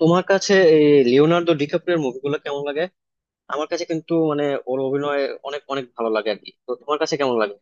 তোমার কাছে এই লিওনার্দো ডিক্যাপ্রিওর মুভিগুলো কেমন লাগে? আমার কাছে কিন্তু মানে ওর অভিনয় অনেক অনেক ভালো লাগে আর কি। তো তোমার কাছে কেমন লাগে?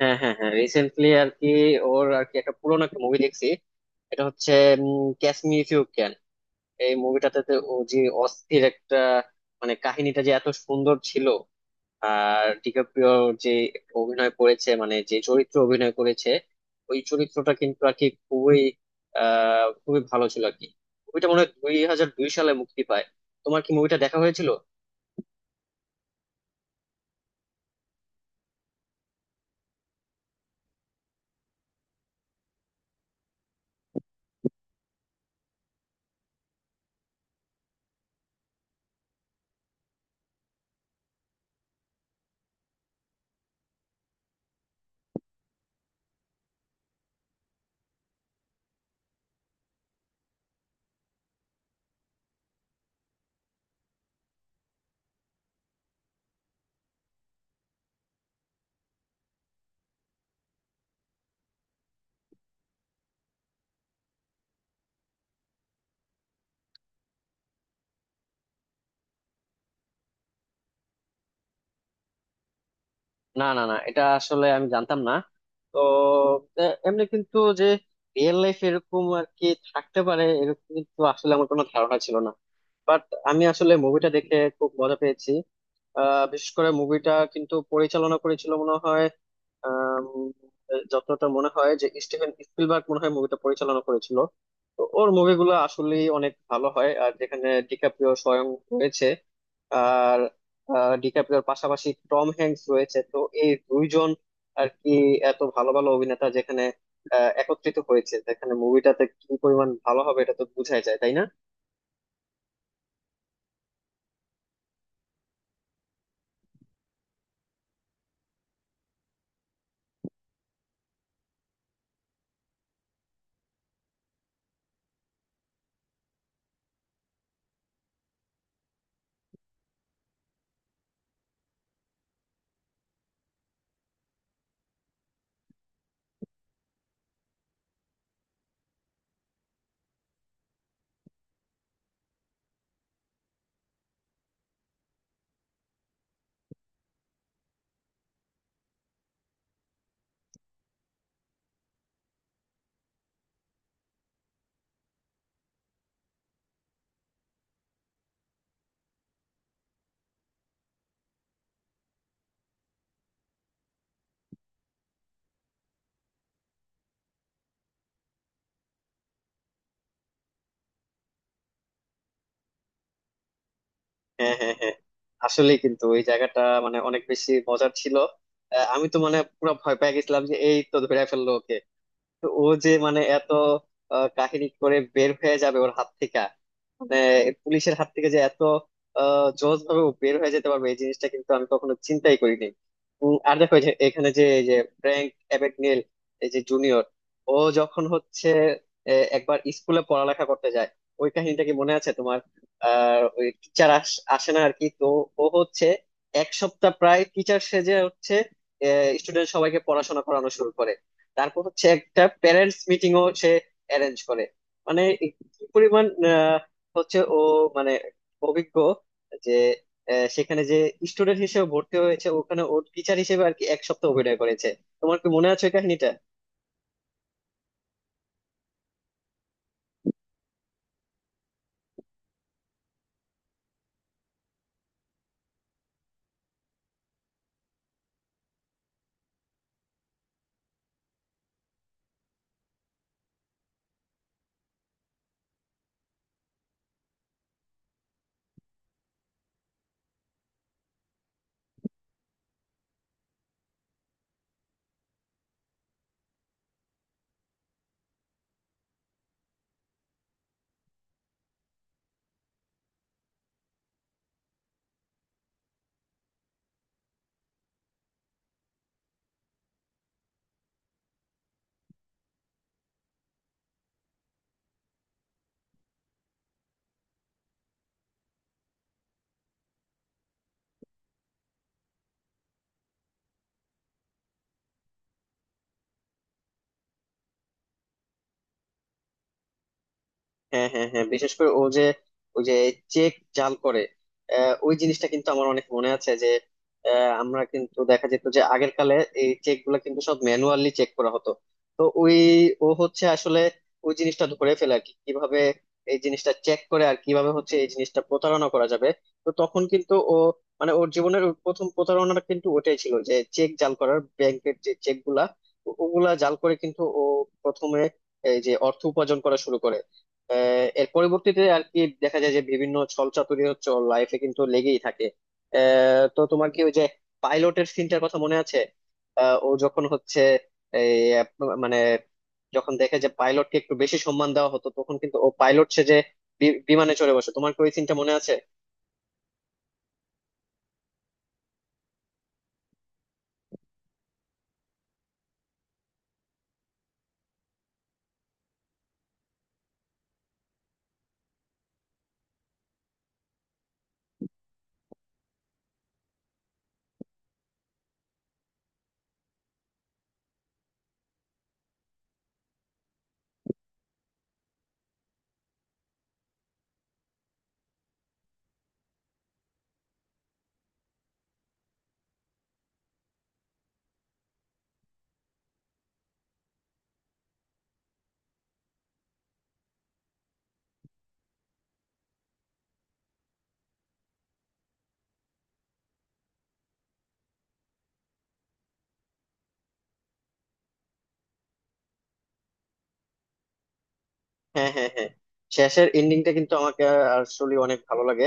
হ্যাঁ হ্যাঁ হ্যাঁ, রিসেন্টলি আর কি ওর আর কি একটা পুরোনো একটা মুভি দেখছি। এটা হচ্ছে Catch Me If You Can. এই মুভিটাতে ও যে অস্থির একটা, মানে কাহিনীটা যে এত সুন্দর ছিল। আর ডিকাপ্রিও যে অভিনয় করেছে, মানে যে চরিত্র অভিনয় করেছে ওই চরিত্রটা কিন্তু আর কি খুবই ভালো ছিল আর কি। মুভিটা মনে হয় 2002 সালে মুক্তি পায়। তোমার কি মুভিটা দেখা হয়েছিল? না না না, এটা আসলে আমি জানতাম না। তো এমনি কিন্তু যে রিয়েল লাইফ এরকম আর কি থাকতে পারে এরকম কিন্তু আসলে আমার কোনো ধারণা ছিল না। বাট আমি আসলে মুভিটা দেখে খুব মজা পেয়েছি। বিশেষ করে মুভিটা কিন্তু পরিচালনা করেছিল মনে হয়, আম, যতটা মনে হয় যে স্টিভেন স্পিলবার্গ মনে হয় মুভিটা পরিচালনা করেছিল। তো ওর মুভিগুলো আসলে অনেক ভালো হয়, আর যেখানে ডিকাপ্রিও স্বয়ং রয়েছে আর ডিকাপ্রিওর পাশাপাশি টম হ্যাঙ্কস রয়েছে। তো এই দুইজন আর কি এত ভালো ভালো অভিনেতা যেখানে একত্রিত হয়েছে, যেখানে মুভিটাতে কি পরিমাণ ভালো হবে এটা তো বোঝাই যায়, তাই না? হ্যাঁ হ্যাঁ হ্যাঁ, আসলে কিন্তু ওই জায়গাটা মানে অনেক বেশি মজার ছিল। আমি তো মানে পুরো ভয় পেয়ে গেছিলাম যে এই তো ধরে ফেললো ওকে। তো ও যে মানে এত কাহিনী করে বের হয়ে যাবে ওর হাত থেকে, মানে পুলিশের হাত থেকে, যে এত সহজ ভাবে বের হয়ে যেতে পারবে এই জিনিসটা কিন্তু আমি কখনো চিন্তাই করিনি। আর দেখো এই যে এখানে যে এই যে ফ্র্যাঙ্ক অ্যাবাগনেল এই যে জুনিয়র, ও যখন হচ্ছে একবার স্কুলে পড়ালেখা করতে যায় ওই কাহিনীটা কি মনে আছে তোমার? আর ওই টিচার আসে না আর কি, তো ও হচ্ছে এক সপ্তাহ প্রায় টিচার সেজে হচ্ছে স্টুডেন্ট সবাইকে পড়াশোনা করানো শুরু করে। তারপর হচ্ছে একটা প্যারেন্টস মিটিংও সে অ্যারেঞ্জ করে, মানে কি পরিমাণ হচ্ছে ও মানে অভিজ্ঞ যে সেখানে যে স্টুডেন্ট হিসেবে ভর্তি হয়েছে ওখানে ওর টিচার হিসেবে আর কি এক সপ্তাহ অভিনয় করেছে। তোমার কি মনে আছে ওই কাহিনীটা? হ্যাঁ হ্যাঁ হ্যাঁ, বিশেষ করে ও যে ওই যে চেক জাল করে, ওই জিনিসটা কিন্তু আমার অনেক মনে আছে। যে আমরা কিন্তু দেখা যেত যে আগের কালে এই চেক গুলা কিন্তু সব ম্যানুয়ালি চেক করা হতো। তো ওই ও হচ্ছে আসলে ওই জিনিসটা ধরে ফেলে আর কি কিভাবে এই জিনিসটা চেক করে আর কিভাবে হচ্ছে এই জিনিসটা প্রতারণা করা যাবে। তো তখন কিন্তু ও মানে ওর জীবনের ওর প্রথম প্রতারণাটা কিন্তু ওটাই ছিল, যে চেক জাল করার, ব্যাংকের যে চেক গুলা ওগুলা জাল করে কিন্তু ও প্রথমে এই যে অর্থ উপার্জন করা শুরু করে। এর পরবর্তীতে আর কি দেখা যায় যে বিভিন্ন ছলচাতুরি হচ্ছে ওর লাইফে কিন্তু লেগেই থাকে। তো তোমার কি ওই যে পাইলটের সিনটার কথা মনে আছে? ও যখন হচ্ছে মানে যখন দেখে যে পাইলটকে একটু বেশি সম্মান দেওয়া হতো, তখন কিন্তু ও পাইলট সে যে বিমানে চড়ে বসে, তোমার কি ওই সিনটা মনে আছে? হ্যাঁ হ্যাঁ হ্যাঁ, শেষের এন্ডিংটা কিন্তু আমাকে আসলে অনেক ভালো লাগে।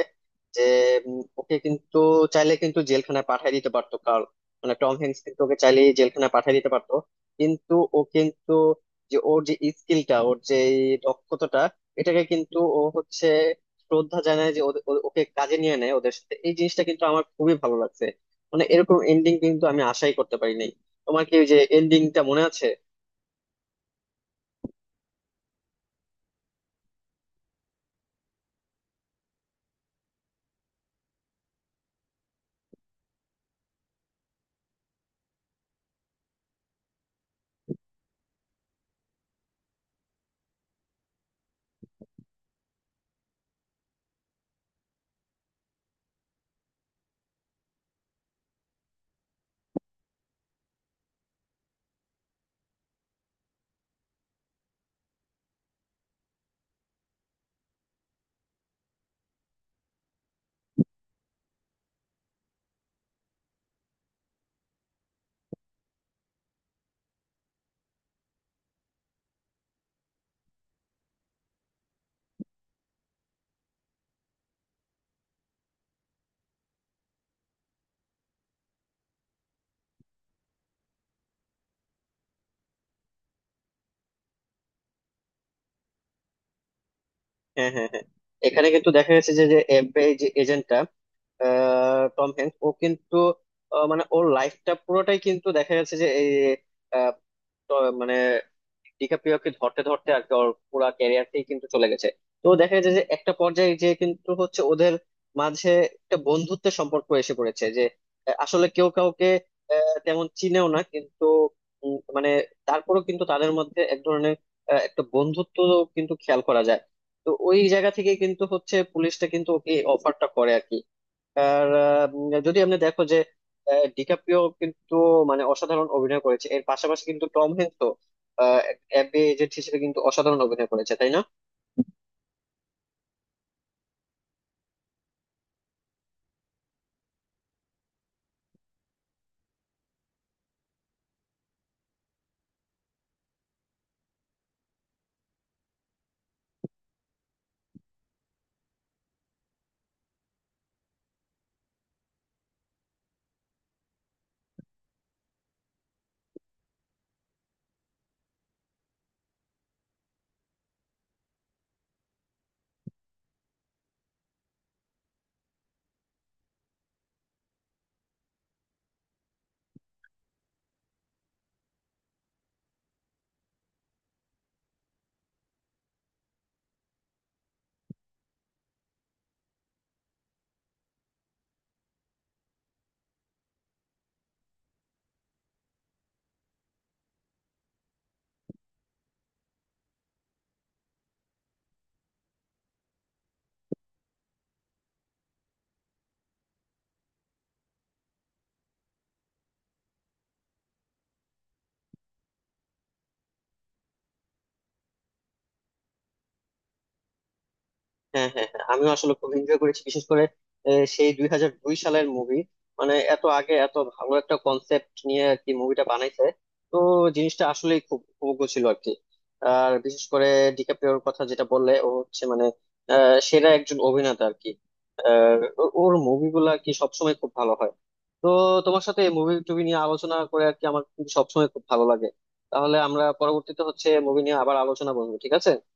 যে ওকে কিন্তু চাইলে কিন্তু জেলখানায় পাঠিয়ে দিতে পারতো কার্ল, মানে টম হ্যাঙ্কস কিন্তু ওকে চাইলে জেলখানায় পাঠিয়ে দিতে পারতো। কিন্তু ও কিন্তু, যে ওর যে স্কিলটা, ওর যে এই দক্ষতাটা, এটাকে কিন্তু ও হচ্ছে শ্রদ্ধা জানায় যে ওকে কাজে নিয়ে নেয় ওদের সাথে। এই জিনিসটা কিন্তু আমার খুবই ভালো লাগছে। মানে এরকম এন্ডিং কিন্তু আমি আশাই করতে পারিনি। তোমার কি ওই যে এন্ডিংটা মনে আছে? হ্যাঁ হ্যাঁ হ্যাঁ, এখানে কিন্তু দেখা গেছে যে যে এফবিআই যে এজেন্টটা টম হ্যাঙ্কস, ও কিন্তু মানে ওর লাইফটা পুরোটাই কিন্তু দেখা গেছে যে এই আহ, মানে ডিকাপ্রিওকে ধরতে ধরতে আর কি ওর পুরা ক্যারিয়ারটাই কিন্তু চলে গেছে। তো দেখা যায় যে একটা পর্যায়ে যে কিন্তু হচ্ছে ওদের মাঝে একটা বন্ধুত্বের সম্পর্ক এসে পড়েছে। যে আসলে কেউ কাউকে তেমন চিনেও না কিন্তু মানে তারপরেও কিন্তু তাদের মধ্যে এক ধরনের একটা বন্ধুত্ব কিন্তু খেয়াল করা যায়। তো ওই জায়গা থেকে কিন্তু হচ্ছে পুলিশটা কিন্তু ওকে অফারটা করে আর কি। আর যদি আপনি দেখো যে ডিকাপ্রিও কিন্তু মানে অসাধারণ অভিনয় করেছে, এর পাশাপাশি কিন্তু টম হ্যাঙ্কসও অ্যাপে এজেন্ট হিসেবে কিন্তু অসাধারণ অভিনয় করেছে, তাই না? হ্যাঁ হ্যাঁ হ্যাঁ, আমিও আসলে খুব এনজয় করেছি। বিশেষ করে সেই 2002 সালের মুভি, মানে এত আগে এত ভালো একটা কনসেপ্ট নিয়ে আর কি মুভিটা বানাইছে। তো জিনিসটা আসলেই খুব উপভোগ্য ছিল আর কি। আর বিশেষ করে ডিকাপ্রিওর কথা যেটা বললে, ও হচ্ছে মানে সেরা একজন অভিনেতা আর কি। ওর মুভিগুলা কি সবসময় খুব ভালো হয়। তো তোমার সাথে মুভি টুভি নিয়ে আলোচনা করে আর কি আমার কিন্তু সবসময় খুব ভালো লাগে। তাহলে আমরা পরবর্তীতে হচ্ছে মুভি নিয়ে আবার আলোচনা করবো, ঠিক আছে?